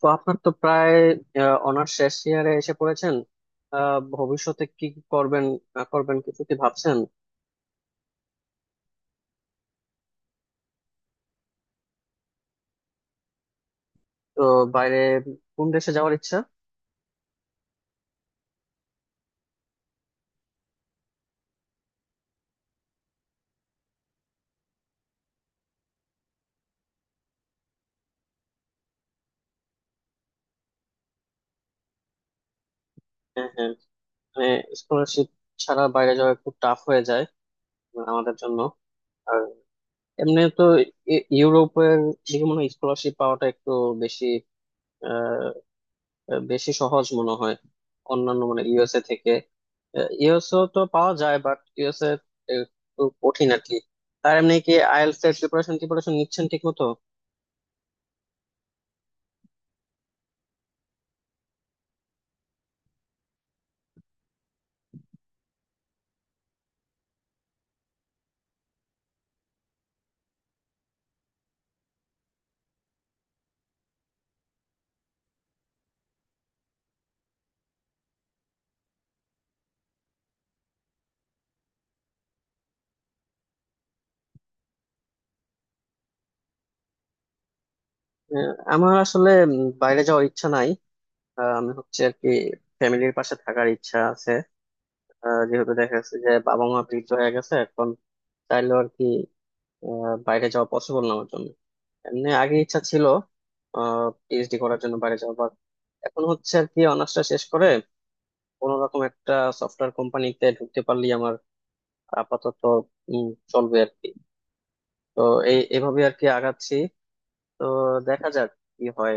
তো আপনার তো প্রায় অনার্স শেষ ইয়ারে এসে পড়েছেন। ভবিষ্যতে কি করবেন না করবেন কিছু কি ভাবছেন? তো বাইরে কোন দেশে যাওয়ার ইচ্ছা? হ্যাঁ হ্যাঁ, মানে স্কলারশিপ ছাড়া বাইরে যাওয়া একটু টাফ হয়ে যায় আমাদের জন্য। আর এমনি তো ইউরোপের দিকে মনে হয় স্কলারশিপ পাওয়াটা একটু বেশি, বেশি সহজ মনে হয় অন্যান্য মানে ইউএসএ থেকে। ইউএসও তো পাওয়া যায় বাট ইউএসএ একটু কঠিন আর কি। তার এমনি কি আইএলটিএস এর প্রিপারেশন প্রিপারেশন নিচ্ছেন ঠিক মতো? আমার আসলে বাইরে যাওয়ার ইচ্ছা নাই। আমি হচ্ছে আর কি ফ্যামিলির পাশে থাকার ইচ্ছা আছে। যেহেতু দেখা যাচ্ছে যে বাবা মা বৃদ্ধ হয়ে গেছে এখন, চাইলেও আর কি বাইরে যাওয়া পসিবল না আমার জন্য। এমনি আগে ইচ্ছা ছিল পিএইচডি করার জন্য বাইরে যাওয়া, বাট এখন হচ্ছে আর কি অনার্সটা শেষ করে কোনো রকম একটা সফটওয়্যার কোম্পানিতে ঢুকতে পারলেই আমার আপাতত চলবে আর কি। তো এই এভাবে আর কি আগাচ্ছি। তো দেখা যাক কি হয়।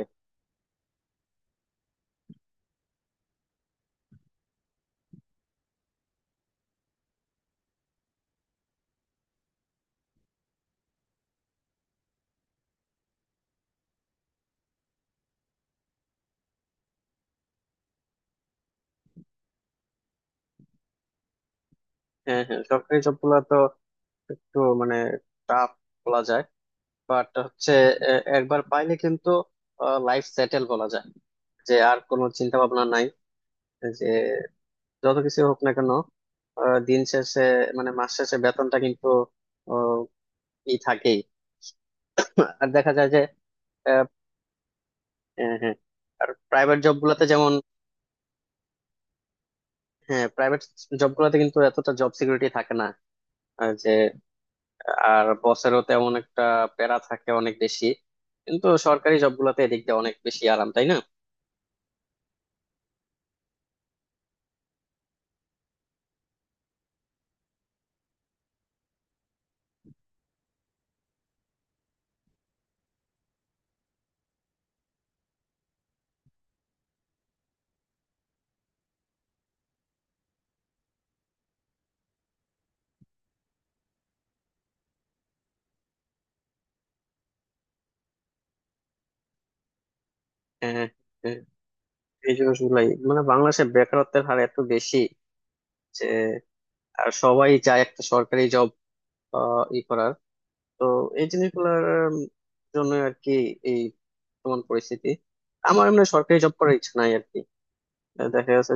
হ্যাঁ হ্যাঁ, সরকারি জব গুলা তো একটু মানে টাফ বলা যায়, বাট হচ্ছে একবার পাইলে কিন্তু লাইফ সেটেল বলা যায়, যে আর কোনো চিন্তা ভাবনা নাই, যে যত কিছু হোক না কেন দিন শেষে মানে মাস শেষে বেতনটা কিন্তু আহ, ই থাকেই। আর দেখা যায় যে হ্যাঁ হ্যাঁ, আর প্রাইভেট জব গুলাতে যেমন হ্যাঁ, প্রাইভেট জব গুলাতে কিন্তু এতটা জব সিকিউরিটি থাকে না। আর যে আর বসেরও তেমন একটা প্যারা থাকে অনেক বেশি, কিন্তু সরকারি জব গুলাতে এদিক দিয়ে অনেক বেশি আরাম, তাই না? হ্যাঁ হ্যাঁ, হ্যাঁ, এই জিনিসগুলাই, মানে বাংলাদেশে বেকারত্বের হার এত বেশি যে আর সবাই চায় একটা সরকারি জব ই করার। তো এই জিনিসগুলোর জন্য আর কি এই বর্তমান পরিস্থিতি। আমার এমনি সরকারি জব করার ইচ্ছা নাই আর কি। দেখা গেছে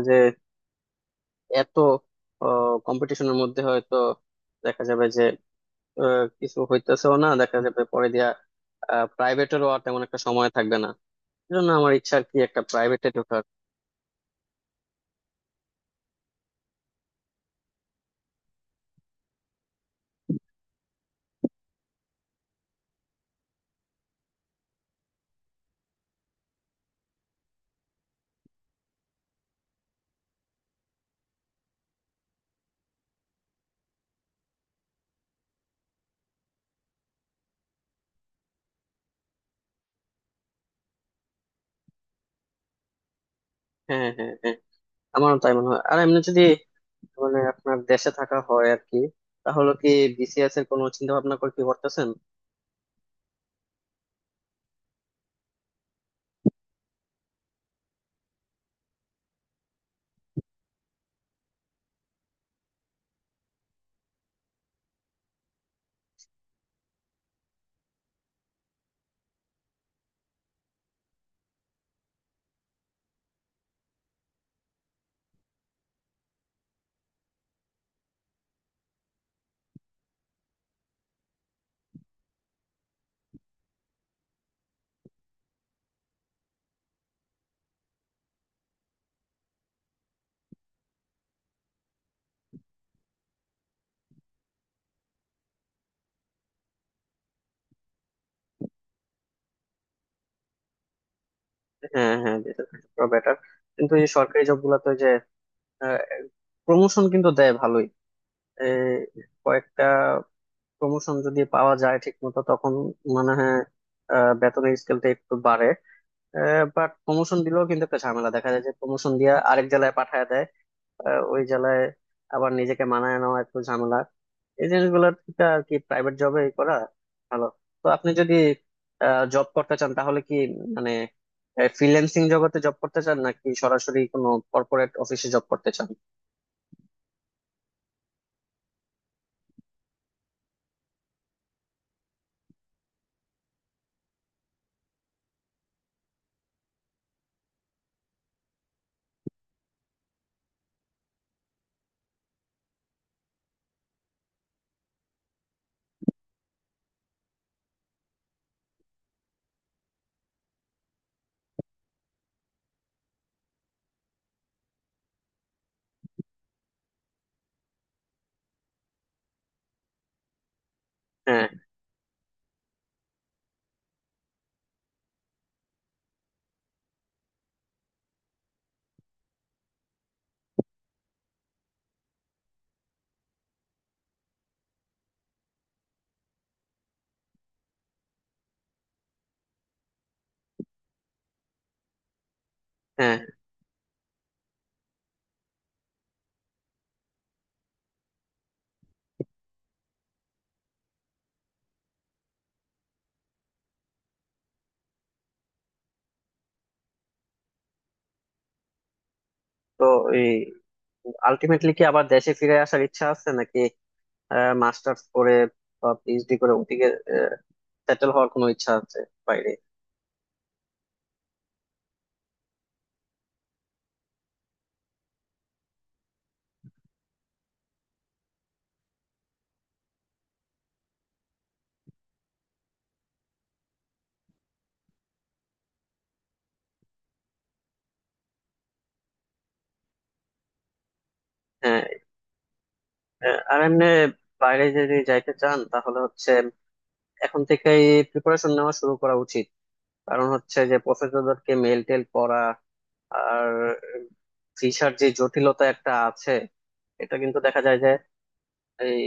এত কম্পিটিশনের মধ্যে হয়তো দেখা যাবে যে কিছু হইতেছেও না, দেখা যাবে পরে দিয়া প্রাইভেটেরও আর তেমন একটা সময় থাকবে না। এজন্য আমার ইচ্ছা আর কি একটা প্রাইভেটে ঢোকার। হ্যাঁ হ্যাঁ হ্যাঁ হ্যাঁ। আমারও তাই মনে হয়। আর এমনি যদি মানে আপনার দেশে থাকা হয় আর কি, তাহলে কি বিসিএস এর কোনো চিন্তা ভাবনা করে কি করতেছেন? হ্যাঁ হ্যাঁ, দেশে থাকা বেটার। কিন্তু এই সরকারি জব গুলাতে যে প্রমোশন কিন্তু দেয় ভালোই। এই কয়েকটা প্রমোশন যদি পাওয়া যায় ঠিক মতো তখন মানে হয় বেতনের স্কেলটা একটু বাড়ে। বাট প্রমোশন দিলেও কিন্তু একটা ঝামেলা, দেখা যায় যে প্রমোশন দিয়ে আরেক জেলায় পাঠায় দেয়। ওই জেলায় আবার নিজেকে মানায় নেওয়া একটু ঝামেলা। এই জিনিসগুলো থেকে আর কি প্রাইভেট জবে করা ভালো। তো আপনি যদি জব করতে চান তাহলে কি মানে ফ্রিল্যান্সিং জগতে জব করতে চান নাকি সরাসরি কোনো কর্পোরেট অফিসে জব করতে চান? হ্যাঁ। হ্যাঁ। তো এই আলটিমেটলি কি আবার দেশে ফিরে আসার ইচ্ছা আছে, নাকি মাস্টার্স করে বা পিএইচডি করে ওদিকে সেটেল হওয়ার কোনো ইচ্ছা আছে বাইরে? হ্যাঁ। আর এমনি বাইরে যদি যাইতে চান তাহলে হচ্ছে এখন থেকেই প্রিপারেশন নেওয়া শুরু করা উচিত। কারণ হচ্ছে যে প্রফেসরদেরকে মেল টেল করা, আর ভিসার যে জটিলতা একটা আছে, এটা কিন্তু দেখা যায় যে এই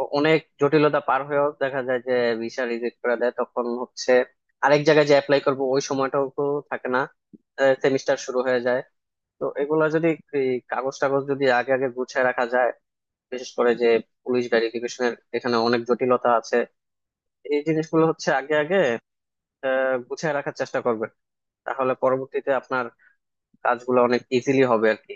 অনেক জটিলতা পার হয়েও দেখা যায় যে ভিসা রিজেক্ট করে দেয়। তখন হচ্ছে আরেক জায়গায় যে অ্যাপ্লাই করবো ওই সময়টাও তো থাকে না, সেমিস্টার শুরু হয়ে যায়। তো এগুলা যদি এই কাগজ টাগজ যদি আগে আগে গুছিয়ে রাখা যায়, বিশেষ করে যে পুলিশ ভেরিফিকেশনের এখানে অনেক জটিলতা আছে, এই জিনিসগুলো হচ্ছে আগে আগে গুছিয়ে রাখার চেষ্টা করবেন। তাহলে পরবর্তীতে আপনার কাজগুলো অনেক ইজিলি হবে আর কি।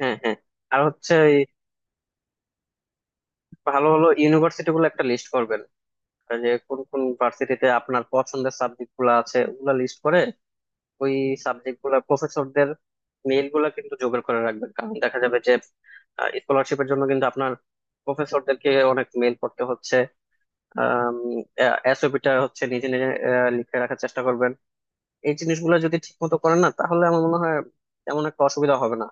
হ্যাঁ হ্যাঁ, আর হচ্ছে এই ভালো ভালো ইউনিভার্সিটি গুলো একটা লিস্ট করবেন। আর যে কোন কোন ভার্সিটিতে আপনার পছন্দের সাবজেক্ট গুলো আছে ওগুলা লিস্ট করে ওই সাবজেক্ট গুলা প্রফেসরদের মেইল গুলা কিন্তু জোগাড় করে রাখবেন, কারণ দেখা যাবে যে স্কলারশিপের জন্য কিন্তু আপনার প্রফেসরদেরকে অনেক মেইল পড়তে হচ্ছে। এসওপিটা হচ্ছে নিজে নিজে লিখে রাখার চেষ্টা করবেন। এই জিনিসগুলো যদি ঠিক মতো করেন না, তাহলে আমার মনে হয় তেমন একটা অসুবিধা হবে না।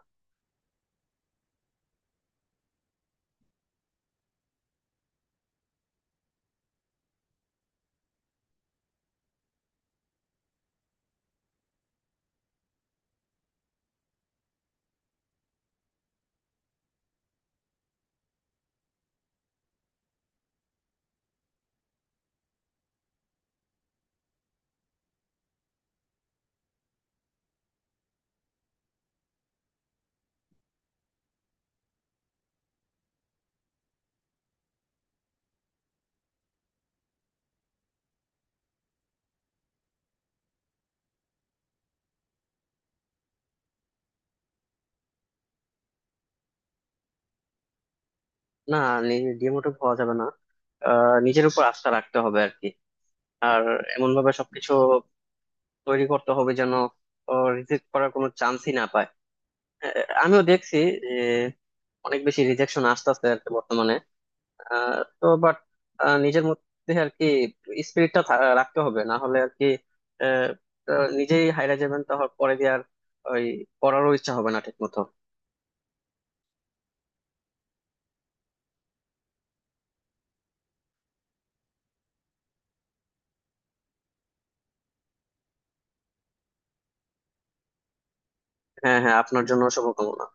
না, ডিমোটিভ হওয়া যাবে না। নিজের উপর আস্থা রাখতে হবে আর কি। আর এমন ভাবে সবকিছু তৈরি করতে হবে যেন রিজেক্ট করার কোনো চান্সই না পায়। আহ, আমিও দেখছি অনেক বেশি রিজেকশন আসতেছে আর কি বর্তমানে। তো বাট নিজের মধ্যে আর কি স্পিরিটটা রাখতে হবে, না হলে আর কি আহ, আহ, নিজেই হাইরা যাবেন তাহলে পরে দিয়ে, আর ওই পড়ারও ইচ্ছা হবে না ঠিক মতো। হ্যাঁ হ্যাঁ, আপনার জন্য শুভকামনা।